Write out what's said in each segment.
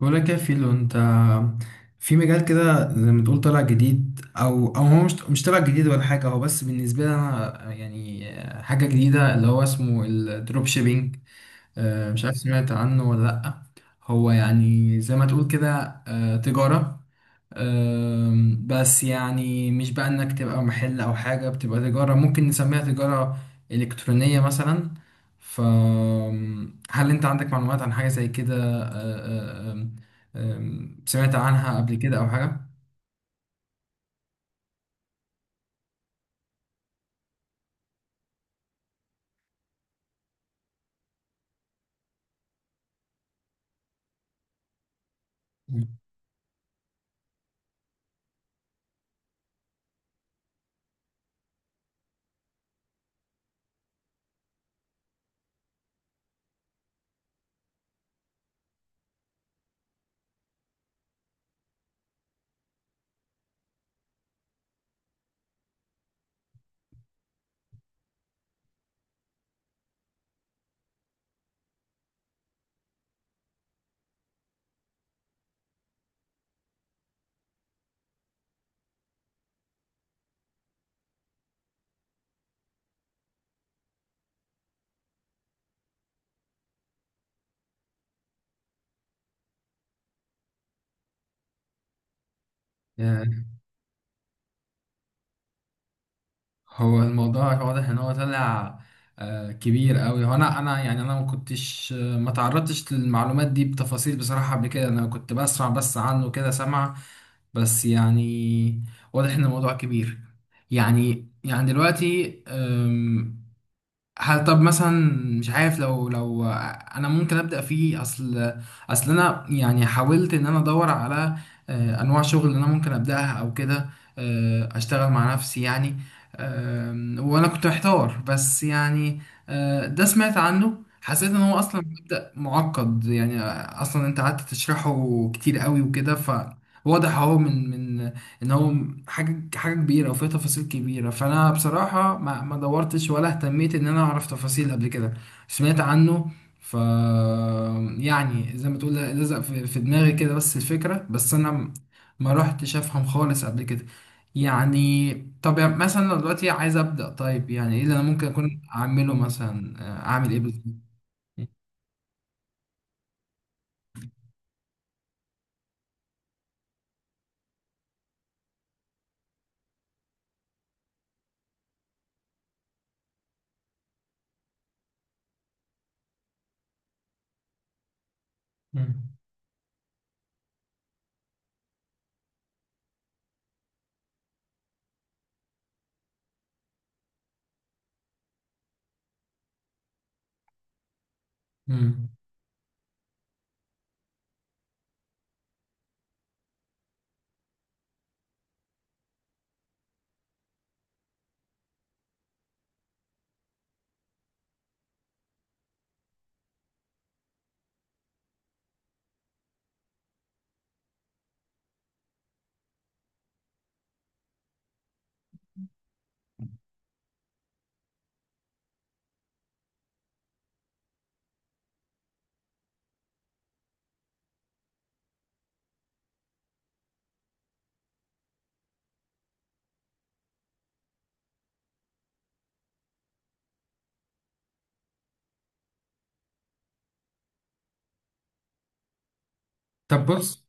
ولا كافيلو انت في مجال كده زي ما تقول طلع جديد او هو مش طلع جديد ولا حاجه. هو بس بالنسبه لي انا يعني حاجه جديده اللي هو اسمه الدروب شيبينج. مش عارف سمعت عنه ولا لا. هو يعني زي ما تقول كده تجاره. بس يعني مش بقى انك تبقى محل او حاجة، بتبقى تجارة، ممكن نسميها تجارة إلكترونية مثلا. فهل انت عندك معلومات عن حاجة زي كده؟ أه، أم، سمعت عنها قبل كده او حاجة؟ يعني هو الموضوع واضح ان هو طلع كبير قوي. هو انا يعني انا ما كنتش ما تعرضتش للمعلومات دي بتفاصيل بصراحة. قبل كده انا كنت بسمع بس عنه كده سمع. بس يعني واضح ان الموضوع كبير. يعني دلوقتي هل طب مثلا مش عارف لو انا ممكن ابدا فيه؟ اصل انا يعني حاولت ان انا ادور على انواع شغل اللي انا ممكن ابداها او كده، اشتغل مع نفسي يعني. وانا كنت محتار بس يعني. ده سمعت عنه حسيت ان هو اصلا مبدا معقد يعني. اصلا انت قعدت تشرحه كتير قوي وكده، فواضح اهو من ان هو حاجه حاجه كبيره وفيها تفاصيل كبيره. فانا بصراحه ما دورتش ولا اهتميت ان انا اعرف تفاصيل قبل كده. سمعت عنه ف يعني زي ما تقول لزق في دماغي كده بس الفكره، بس انا ما رحتش افهم خالص قبل كده. يعني طب يعني مثلا لو دلوقتي عايز ابدا، طيب يعني ايه اللي انا ممكن اكون اعمله مثلا؟ اعمل ايه بالظبط؟ مم. مم. طب بص،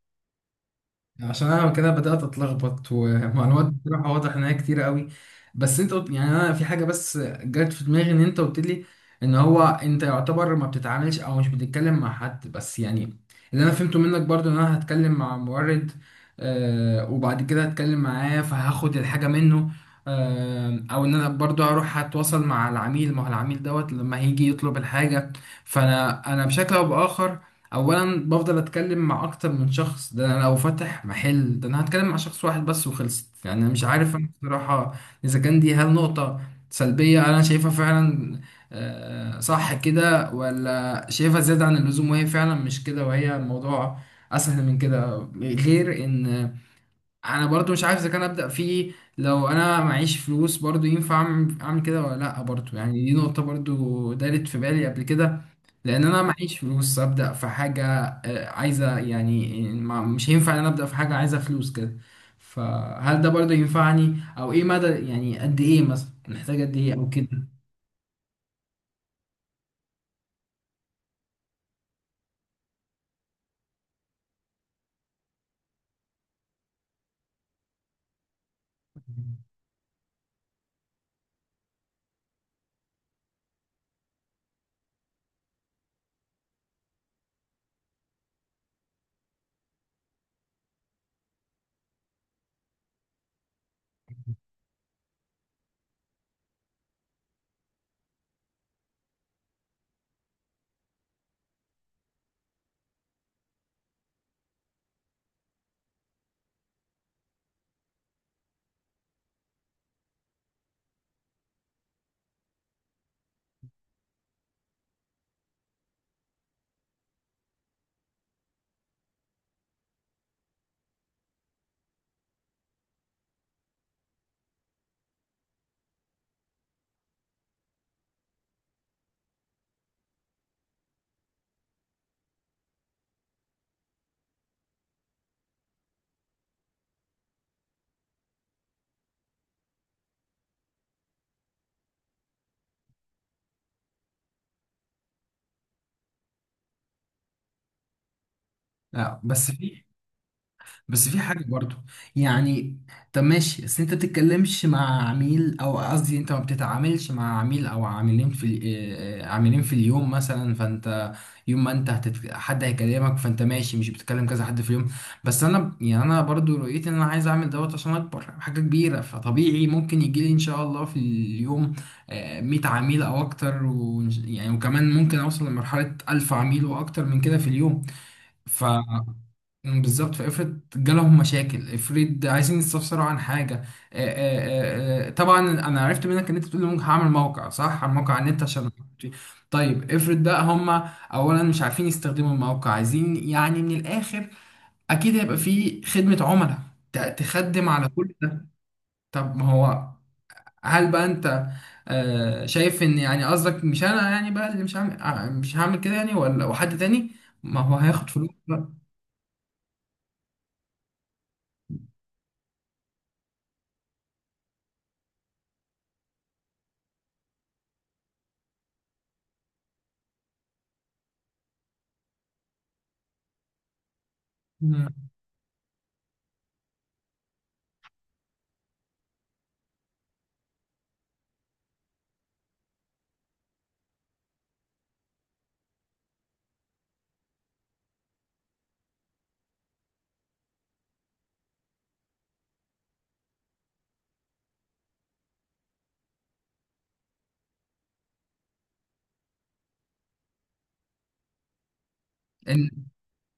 عشان انا كده بدات اتلخبط ومعلومات بصراحه واضح ان هي كتير قوي. بس انت قلت يعني انا في حاجه بس جت في دماغي، ان انت قلت لي ان هو انت يعتبر ما بتتعاملش او مش بتتكلم مع حد. بس يعني اللي انا فهمته منك برضو ان انا هتكلم مع مورد، وبعد كده هتكلم معاه فهاخد الحاجه منه، او ان انا برضو هروح هتواصل مع العميل. ما هو العميل دوت لما هيجي يطلب الحاجه فانا بشكل او باخر اولا بفضل اتكلم مع اكتر من شخص. ده انا لو فاتح محل ده انا هتكلم مع شخص واحد بس وخلصت. يعني انا مش عارف انا بصراحة اذا كان دي هل نقطة سلبية انا شايفها فعلا صح كده؟ ولا شايفها زيادة عن اللزوم وهي فعلا مش كده وهي الموضوع اسهل من كده. غير ان انا برضو مش عارف اذا كان ابدا فيه، لو انا معيش فلوس برضو ينفع اعمل أعمل كده ولا لا. برضو يعني دي نقطة برضو دارت في بالي قبل كده، لان انا معيش فلوس ابدا في حاجه عايزه يعني. مش هينفع ان انا ابدا في حاجه عايزه فلوس كده. فهل ده برضه ينفعني؟ او ايه مدى يعني، قد ايه مثلا نحتاج، قد ايه او كده؟ لا بس في، بس في حاجة برضو يعني. طب ماشي بس انت بتتكلمش مع عميل، او قصدي انت ما بتتعاملش مع عميل او عاملين في عاملين في اليوم مثلا. فانت يوم ما انت حد هيكلمك فانت ماشي مش بتتكلم كذا حد في اليوم. بس انا يعني انا برضو رؤيتي ان انا عايز اعمل دوت عشان اكبر حاجة كبيرة، فطبيعي ممكن يجي لي ان شاء الله في اليوم 100 عميل او اكتر، و... يعني وكمان ممكن اوصل لمرحلة 1000 عميل واكتر من كده في اليوم. مم، بالظبط. فافرض جالهم مشاكل، افرض عايزين يستفسروا عن حاجه. طبعا انا عرفت منك ان انت بتقول لي ممكن هعمل موقع، صح؟ على موقع على النت عشان طيب افرض بقى هم اولا مش عارفين يستخدموا الموقع، عايزين يعني من الاخر اكيد هيبقى في خدمه عملاء تخدم على كل ده. طب ما هو هل بقى انت شايف ان يعني قصدك مش انا يعني بقى اللي مش هعمل، مش هعمل كده يعني؟ ولا وحد تاني، ما هو هياخد فلوس بقى؟ مم.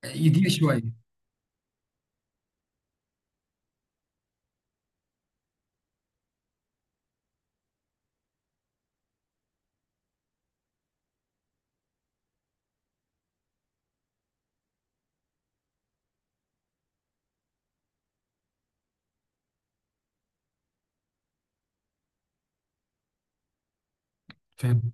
يدير شويه. فاهم.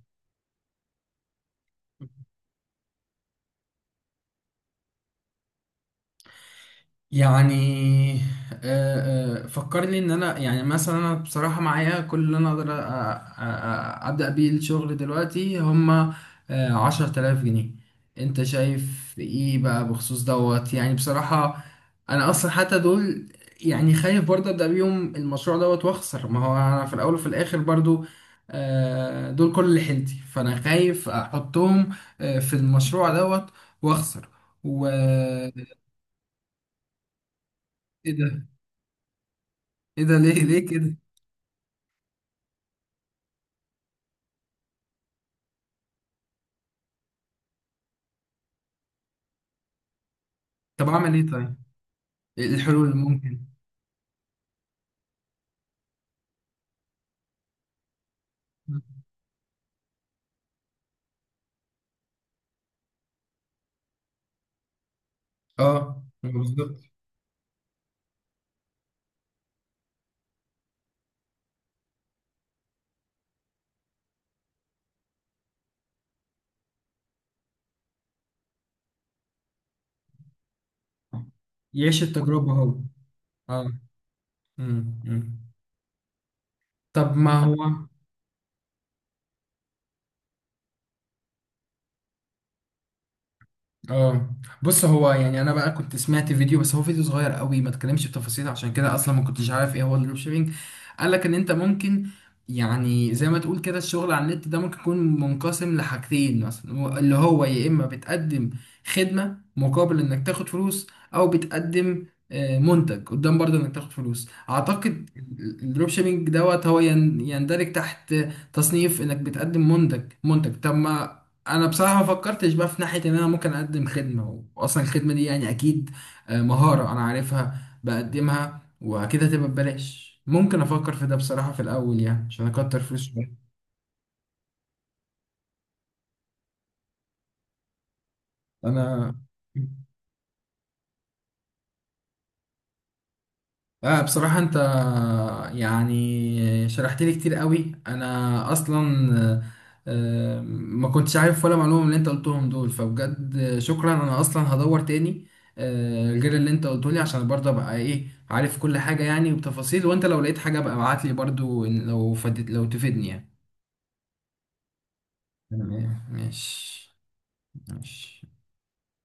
يعني فكرني ان انا يعني مثلا انا بصراحه معايا كل اللي انا اقدر ابدا بيه الشغل دلوقتي هما 10,000 جنيه. انت شايف ايه بقى بخصوص دوت؟ يعني بصراحه انا اصلا حتى دول يعني خايف برضه ابدا بيهم المشروع دوت واخسر. ما هو انا في الاول وفي الاخر برضه دول كل اللي حيلتي، فانا خايف احطهم في المشروع دوت واخسر، و ايه ده؟ ايه ده؟ ليه ليه كده؟ طب اعمل ايه طيب؟ إيه الحلول اللي ممكن؟ اه بالظبط. يعيش التجربة هو. اه. أمم. طب ما هو. اه بص، هو يعني انا بقى كنت سمعت فيديو، بس هو فيديو صغير قوي ما اتكلمش بتفاصيل، عشان كده اصلا ما كنتش عارف ايه هو الدروب شيبينج. قال لك ان انت ممكن يعني زي ما تقول كده الشغل على النت ده ممكن يكون منقسم لحاجتين مثلا، اللي هو يا اما بتقدم خدمة مقابل انك تاخد فلوس، او بتقدم منتج قدام برضه انك تاخد فلوس، اعتقد. الدروب شيبينج دوت هو يندرج تحت تصنيف انك بتقدم منتج طب ما انا بصراحه ما فكرتش بقى في ناحيه ان انا ممكن اقدم خدمه، واصلا الخدمه دي يعني اكيد مهاره انا عارفها بقدمها واكيد هتبقى ببلاش، ممكن افكر في ده بصراحه في الاول يعني عشان اكتر فلوس شويه. انا بصراحة أنت يعني شرحت لي كتير قوي. أنا أصلا آه، ما كنتش عارف ولا معلومة من اللي أنت قلتهم دول، فبجد شكرا. أنا أصلا هدور تاني غير اللي أنت قلته لي، عشان برضه أبقى إيه عارف كل حاجة يعني وبتفاصيل. وأنت لو لقيت حاجة بقى ابعت لي برضه، لو فدت، لو تفيدني يعني. تمام ماشي. ماشي.